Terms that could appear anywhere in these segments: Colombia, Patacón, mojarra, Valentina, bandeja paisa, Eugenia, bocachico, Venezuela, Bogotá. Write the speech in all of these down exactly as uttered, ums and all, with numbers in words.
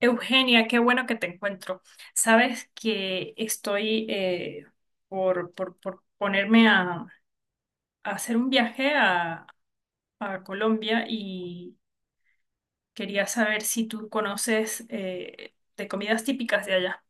Eugenia, qué bueno que te encuentro. Sabes que estoy eh, por, por, por ponerme a, a hacer un viaje a, a Colombia y quería saber si tú conoces eh, de comidas típicas de allá.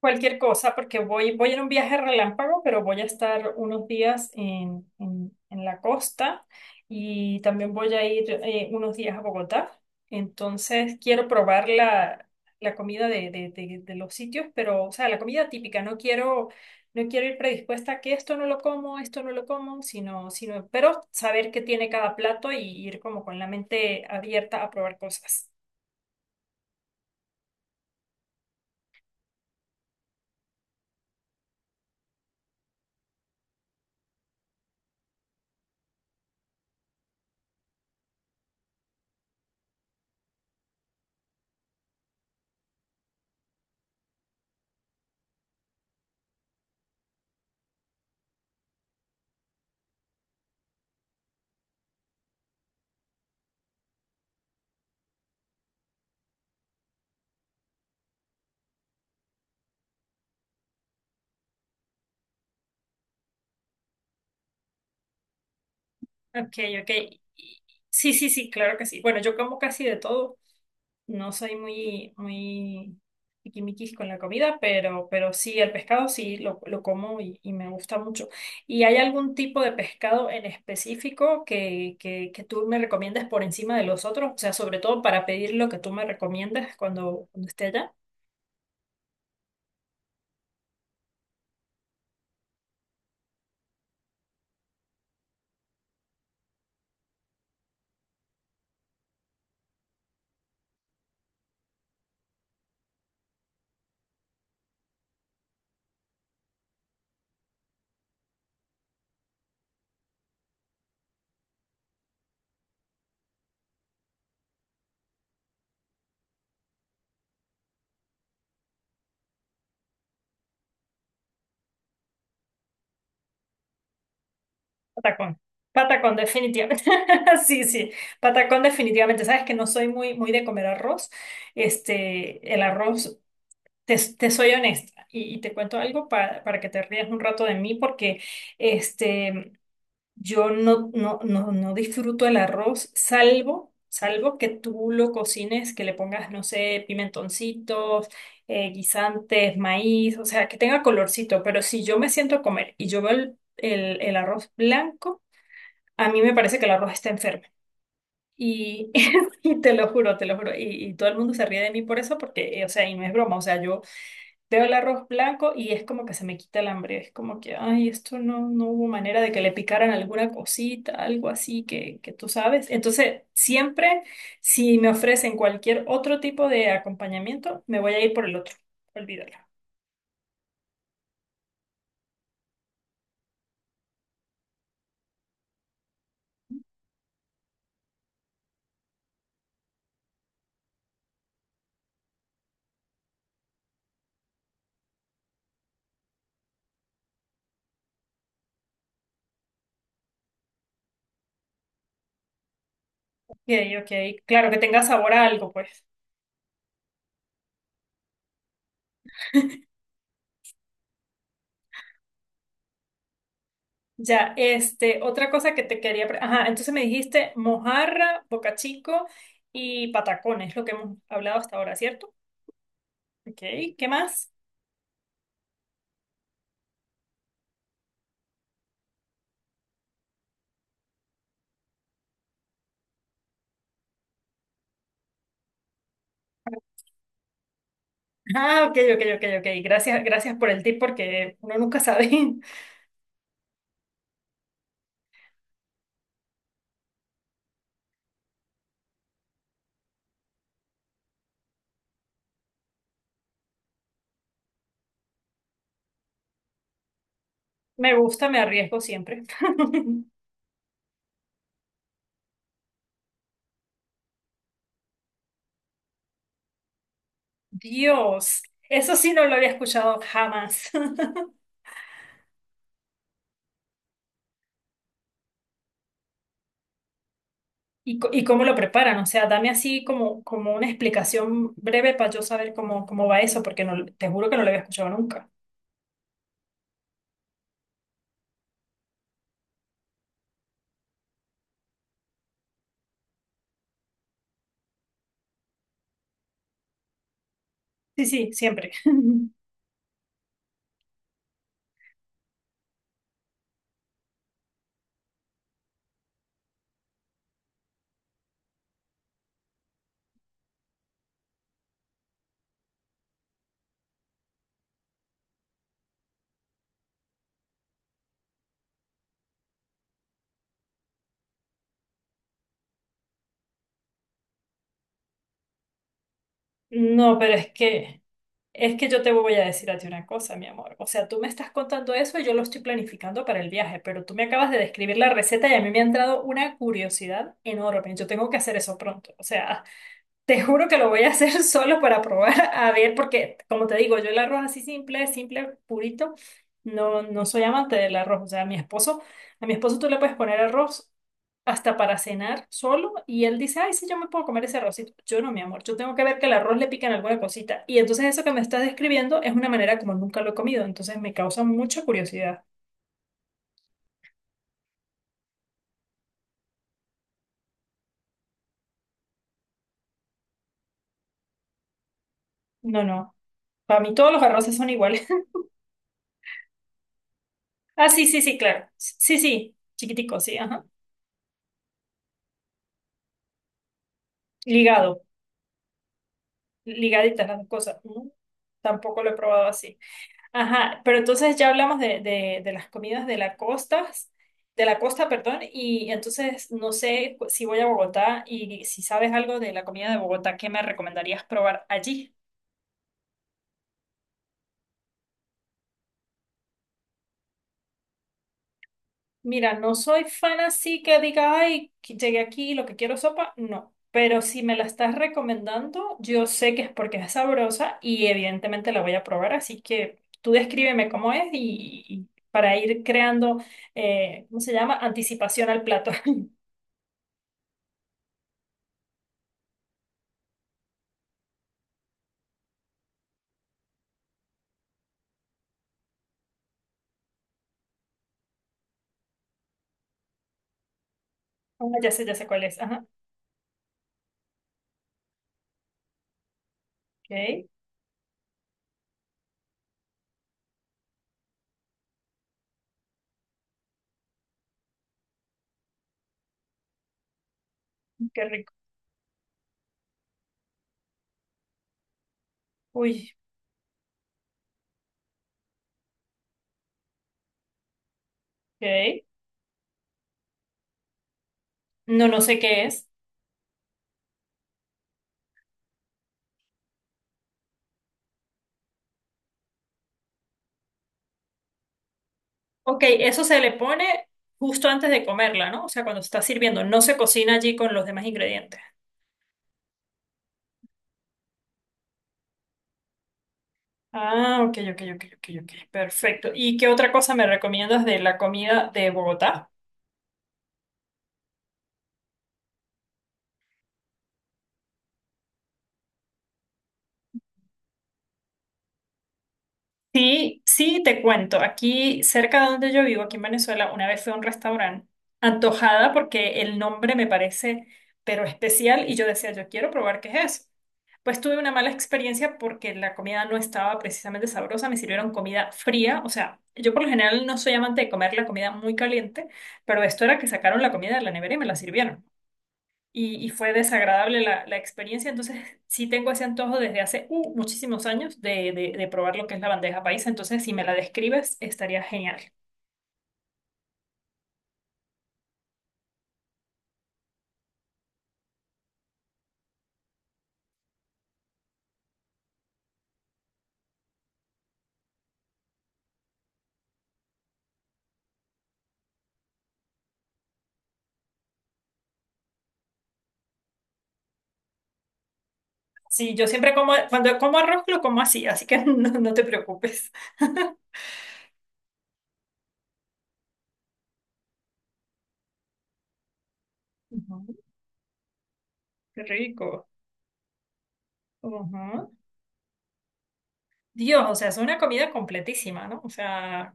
Cualquier cosa, porque voy, voy en un viaje relámpago, pero voy a estar unos días en, en- en la costa y también voy a ir eh, unos días a Bogotá. Entonces quiero probar la, la comida de, de- de- de los sitios, pero, o sea, la comida típica. No quiero, no quiero ir predispuesta a que esto no lo como, esto no lo como, sino, sino, pero saber qué tiene cada plato y ir como con la mente abierta a probar cosas. Ok, ok. Y- Sí, sí, sí, claro que sí. Bueno, yo como casi de todo. No soy muy, muy tiquismiquis con la comida, pero, pero sí, el pescado sí lo, lo como y, y me gusta mucho. ¿Y hay algún tipo de pescado en específico que, que, que tú me recomiendas por encima de los otros? O sea, sobre todo para pedir lo que tú me recomiendas cuando, cuando esté allá. Patacón. Patacón, definitivamente. Sí, sí. Patacón, definitivamente. Sabes que no soy muy, muy de comer arroz. Este, el arroz. Te, te soy honesta y, y te cuento algo para, para que te rías un rato de mí porque este, yo no, no, no, no disfruto el arroz salvo, salvo que tú lo cocines, que le pongas, no sé, pimentoncitos, eh, guisantes, maíz, o sea, que tenga colorcito, pero si yo me siento a comer y yo veo el, el, el arroz blanco, a mí me parece que el arroz está enfermo. Y, y te lo juro, te lo juro. Y, y todo el mundo se ríe de mí por eso, porque, eh, o sea, y no es broma, o sea, yo veo el arroz blanco y es como que se me quita el hambre, es como que, ay, esto no, no hubo manera de que le picaran alguna cosita, algo así que, que tú sabes. Entonces, siempre, si me ofrecen cualquier otro tipo de acompañamiento, me voy a ir por el otro, olvídalo. Ok, ok, claro, que tenga sabor a algo, pues. Ya, este, otra cosa que te quería... pre- Ajá, entonces me dijiste mojarra, bocachico y patacón, es lo que hemos hablado hasta ahora, ¿cierto? Ok, ¿qué más? Ah, ok, ok, ok, ok. Gracias, gracias por el tip porque uno nunca sabe. Me gusta, me arriesgo siempre. Dios, eso sí no lo había escuchado jamás. ¿Y, co- y cómo lo preparan? O sea, dame así como, como una explicación breve para yo saber cómo, cómo va eso, porque no, te juro que no lo había escuchado nunca. Sí, sí, siempre. No, pero es que... Es que yo te voy a decir a ti una cosa, mi amor. O sea, tú me estás contando eso y yo lo estoy planificando para el viaje, pero tú me acabas de describir la receta y a mí me ha entrado una curiosidad enorme. Yo tengo que hacer eso pronto. O sea, te juro que lo voy a hacer solo para probar, a ver, porque como te digo, yo el arroz así simple, simple, purito, no, no soy amante del arroz. O sea, a mi esposo, a mi esposo tú le puedes poner arroz hasta para cenar solo y él dice, ay, sí, yo me puedo comer ese arrocito. Yo no, mi amor, yo tengo que ver que el arroz le pican alguna cosita. Y entonces eso que me estás describiendo es una manera como nunca lo he comido, entonces me causa mucha curiosidad. No, no, para mí todos los arroces son iguales. Ah, sí, sí, sí, claro. Sí, sí, chiquitico, sí, ajá. Ligado. Ligaditas las dos cosas. ¿No? Tampoco lo he probado así. Ajá, pero entonces ya hablamos de, de, de las comidas de la costa, de la costa, perdón, y entonces no sé si voy a Bogotá y si sabes algo de la comida de Bogotá, ¿qué me recomendarías probar allí? Mira, no soy fan así que diga, ay, que llegué aquí, lo que quiero es sopa, no. Pero si me la estás recomendando, yo sé que es porque es sabrosa y evidentemente la voy a probar. Así que tú descríbeme cómo es y, y para ir creando, eh, ¿cómo se llama? Anticipación al plato. Ah, ya sé, ya sé cuál es. Ajá. Ok, qué rico. Uy, ok. No, no sé qué es. Ok, eso se le pone justo antes de comerla, ¿no? O sea, cuando se está sirviendo. No se cocina allí con los demás ingredientes. Ah, ok, ok, ok, ok, ok. Perfecto. ¿Y qué otra cosa me recomiendas de la comida de Bogotá? Sí, sí, te cuento. Aquí, cerca de donde yo vivo, aquí en Venezuela, una vez fui a un restaurante antojada porque el nombre me parece pero especial y yo decía, yo quiero probar qué es eso. Pues tuve una mala experiencia porque la comida no estaba precisamente sabrosa, me sirvieron comida fría, o sea, yo por lo general no soy amante de comer la comida muy caliente, pero esto era que sacaron la comida de la nevera y me la sirvieron. Y, y fue desagradable la, la experiencia. Entonces, sí tengo ese antojo desde hace uh, muchísimos años de, de, de probar lo que es la bandeja paisa. Entonces, si me la describes, estaría genial. Sí, yo siempre como, cuando como arroz, lo como así, así que no, no te preocupes. Ujú. Qué rico. Ujú. Dios, o sea, es una comida completísima, ¿no? O sea,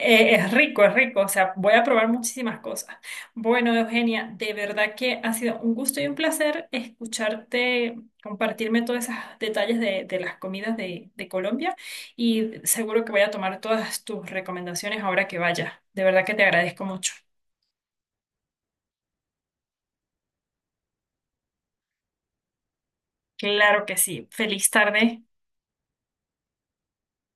eh, es rico, es rico, o sea, voy a probar muchísimas cosas. Bueno, Eugenia, de verdad que ha sido un gusto y un placer escucharte, compartirme todos esos detalles de, de las comidas de, de Colombia y seguro que voy a tomar todas tus recomendaciones ahora que vaya. De verdad que te agradezco mucho. Claro que sí. Feliz tarde.